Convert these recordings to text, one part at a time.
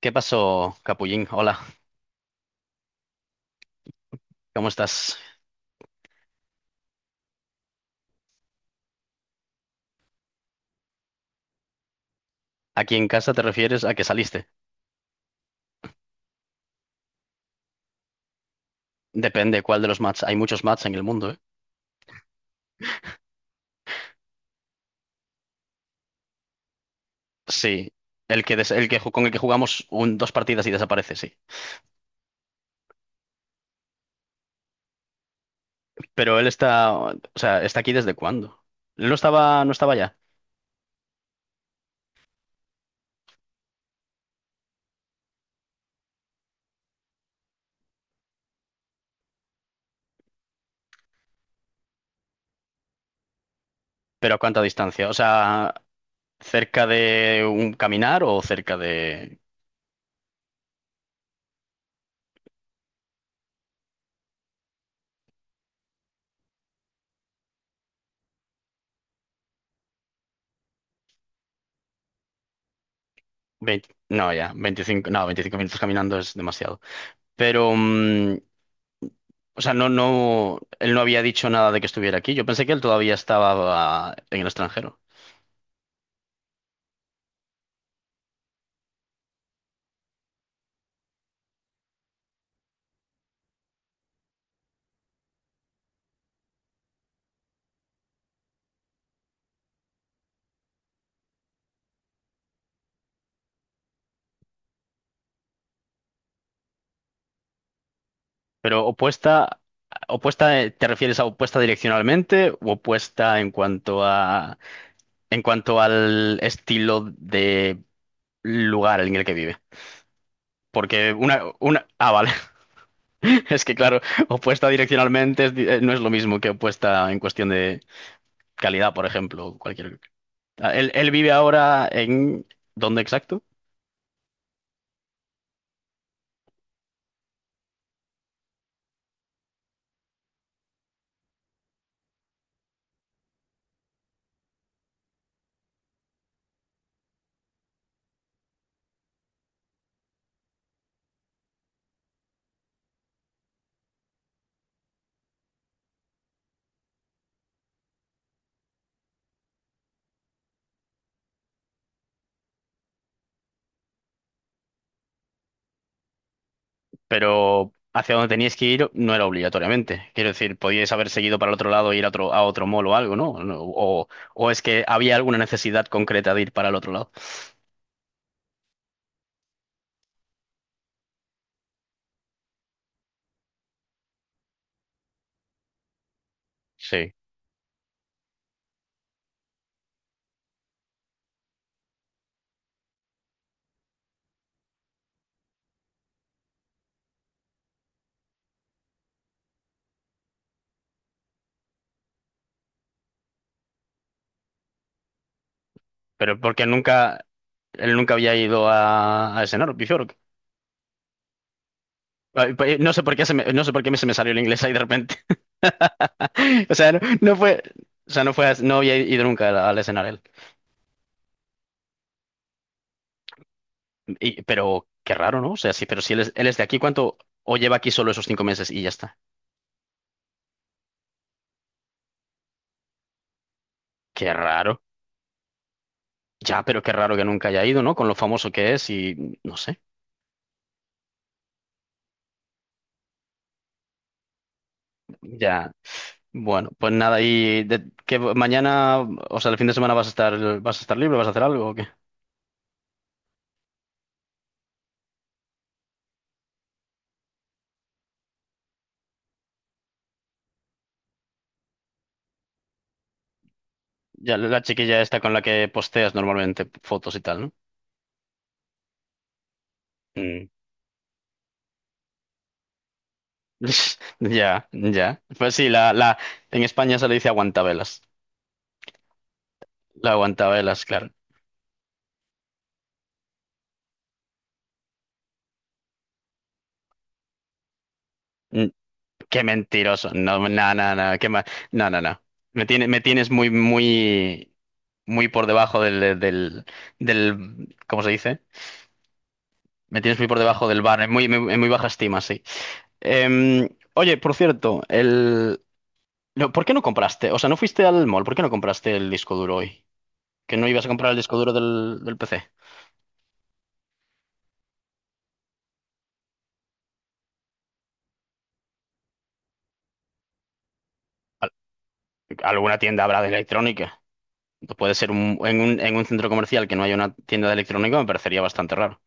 ¿Qué pasó, Capullín? Hola, ¿cómo estás? Aquí en casa te refieres a que saliste. Depende cuál de los mats. Hay muchos mats en el mundo, ¿eh? Sí, el que, el que con el que jugamos dos partidas y desaparece, sí. Pero él está, o sea, ¿está aquí desde cuándo? Él no estaba, no estaba ya. ¿Pero a cuánta distancia? O sea, ¿cerca de un caminar o cerca de 20 no, ya, 25, no, 25 minutos caminando es demasiado. Pero, o sea, no, no, él no había dicho nada de que estuviera aquí. Yo pensé que él todavía estaba ah, en el extranjero. Pero opuesta, opuesta, ¿te refieres a opuesta direccionalmente o opuesta en cuanto a, en cuanto al estilo de lugar en el que vive? Porque una, ah, vale. Es que claro, opuesta direccionalmente no es lo mismo que opuesta en cuestión de calidad, por ejemplo, o cualquier. Ah, Él vive ahora en, ¿dónde exacto? Pero hacia donde teníais que ir no era obligatoriamente. Quiero decir, podíais haber seguido para el otro lado e ir a otro mall o algo, ¿no? No, o es que había alguna necesidad concreta de ir para el otro lado. Sí, pero porque nunca, él nunca había ido a ese Bjork. Ay, pues, no sé por qué se me, no sé se me salió el inglés ahí de repente. O sea, no, no fue, o sea, no fue, no había ido nunca al, al escenario. Pero qué raro, ¿no? O sea, sí, pero si él es, él es de aquí, ¿cuánto? O lleva aquí solo esos cinco meses y ya está. Qué raro. Ya, pero qué raro que nunca haya ido, ¿no? Con lo famoso que es y no sé. Ya. Bueno, pues nada, y de, que mañana, o sea, el fin de semana vas a estar, ¿vas a estar libre, vas a hacer algo o qué? Ya, la chiquilla esta con la que posteas normalmente fotos y tal, ¿no? Mm. Ya, ya. Pues sí, la, en España se le dice aguantabelas. La aguantabelas, claro. Mm, qué mentiroso. No, no, no, no, no, no, no. Me tienes muy, muy, muy por debajo del, del, del, ¿cómo se dice? Me tienes muy por debajo del bar, en muy baja estima, sí. Em, oye, por cierto, el... no, ¿por qué no compraste? O sea, no fuiste al mall, ¿por qué no compraste el disco duro hoy? ¿Que no ibas a comprar el disco duro del, del PC? ¿Alguna tienda habrá de electrónica? Puede ser en un centro comercial que no haya una tienda de electrónica, me parecería bastante raro.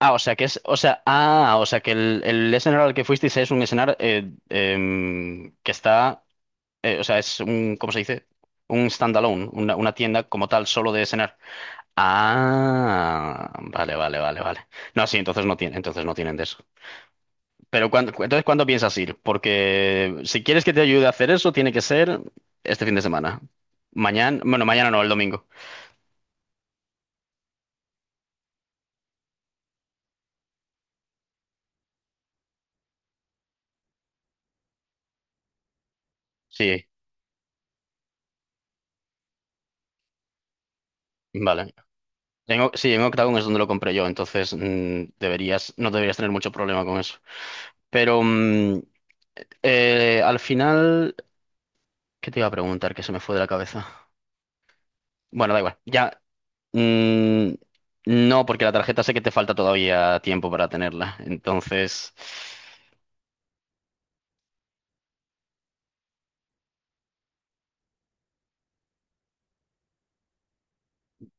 Ah, o sea que es, o sea, ah, o sea que el escenario al que fuisteis es un escenario que está, o sea, es un, ¿cómo se dice? Un standalone, una tienda como tal, solo de escenario. Ah, vale, vale, vale, vale. No, sí, entonces no tienen de eso. Pero cuándo, entonces, ¿cuándo piensas ir? Porque si quieres que te ayude a hacer eso, tiene que ser este fin de semana. Mañana, bueno, mañana no, el domingo. Sí, vale. En sí, en Octagon es donde lo compré yo, entonces deberías, no deberías tener mucho problema con eso. Pero al final, ¿qué te iba a preguntar que se me fue de la cabeza? Bueno, da igual. Ya, Mm, no, porque la tarjeta sé que te falta todavía tiempo para tenerla. Entonces,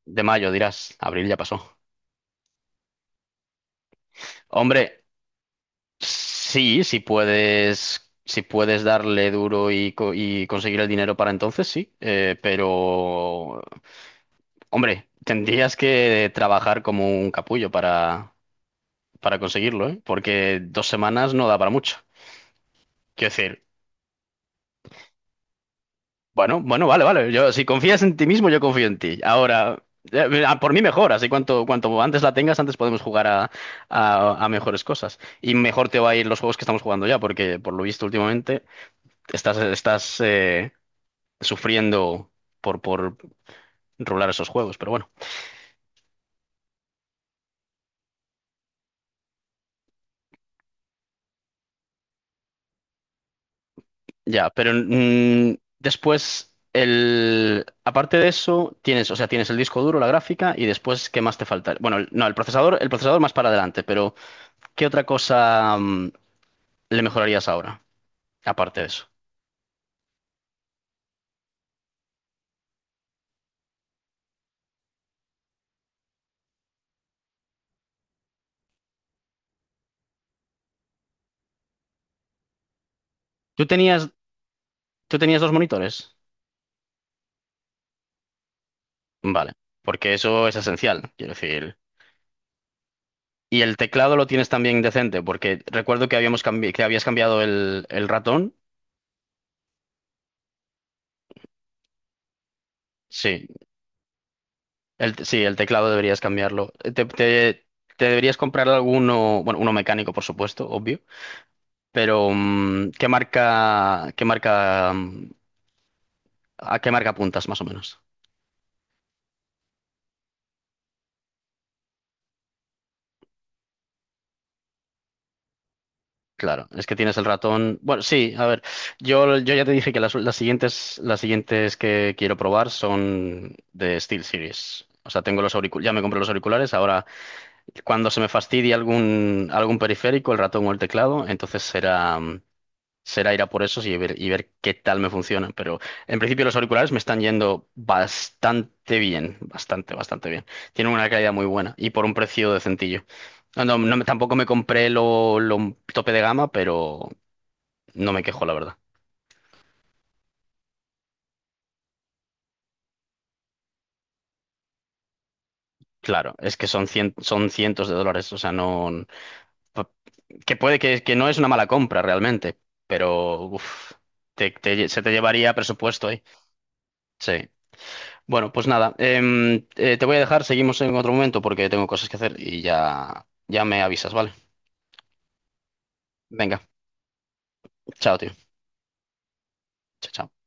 de mayo dirás, abril ya pasó. Hombre, sí, si puedes, si puedes darle duro y y conseguir el dinero para entonces, sí. Pero, hombre, tendrías que trabajar como un capullo para conseguirlo, ¿eh? Porque dos semanas no da para mucho. Quiero decir, bueno, bueno, vale, vale. Yo, si confías en ti mismo, yo confío en ti. Ahora, por mí mejor, así cuanto, cuanto antes la tengas, antes podemos jugar a, a mejores cosas. Y mejor te va a ir los juegos que estamos jugando ya, porque por lo visto últimamente estás sufriendo por rolar esos juegos, pero bueno, ya. Pero después, el, aparte de eso, tienes, o sea, tienes el disco duro, la gráfica, y después, ¿qué más te falta? Bueno, no, el procesador más para adelante, pero ¿qué otra cosa? Le mejorarías ahora, aparte de eso. ¿Tú tenías, ¿tú tenías dos monitores? Vale, porque eso es esencial, quiero decir. Y el teclado lo tienes también decente, porque recuerdo que que habías cambiado el ratón. Sí, sí, el teclado deberías cambiarlo. Te, te deberías comprar alguno, bueno, uno mecánico, por supuesto, obvio, pero qué marca, a qué marca apuntas más o menos? Claro, es que tienes el ratón. Bueno, sí, a ver, yo ya te dije que las siguientes que quiero probar son de SteelSeries. O sea, tengo los auriculares, ya me compré los auriculares. Ahora, cuando se me fastidie algún, algún periférico, el ratón o el teclado, entonces será. Será ir a por esos y ver qué tal me funcionan. Pero en principio los auriculares me están yendo bastante bien, bastante, bastante bien. Tienen una calidad muy buena y por un precio decentillo. No, no, tampoco me compré lo tope de gama, pero no me quejo, la verdad. Claro, es que son, son cientos de dólares, o sea, no... pa- que puede que no es una mala compra realmente, pero uf, se te llevaría presupuesto ahí. Sí. Bueno, pues nada, te voy a dejar, seguimos en otro momento porque tengo cosas que hacer y ya, ya me avisas, ¿vale? Venga, chao, tío. Chao, chao.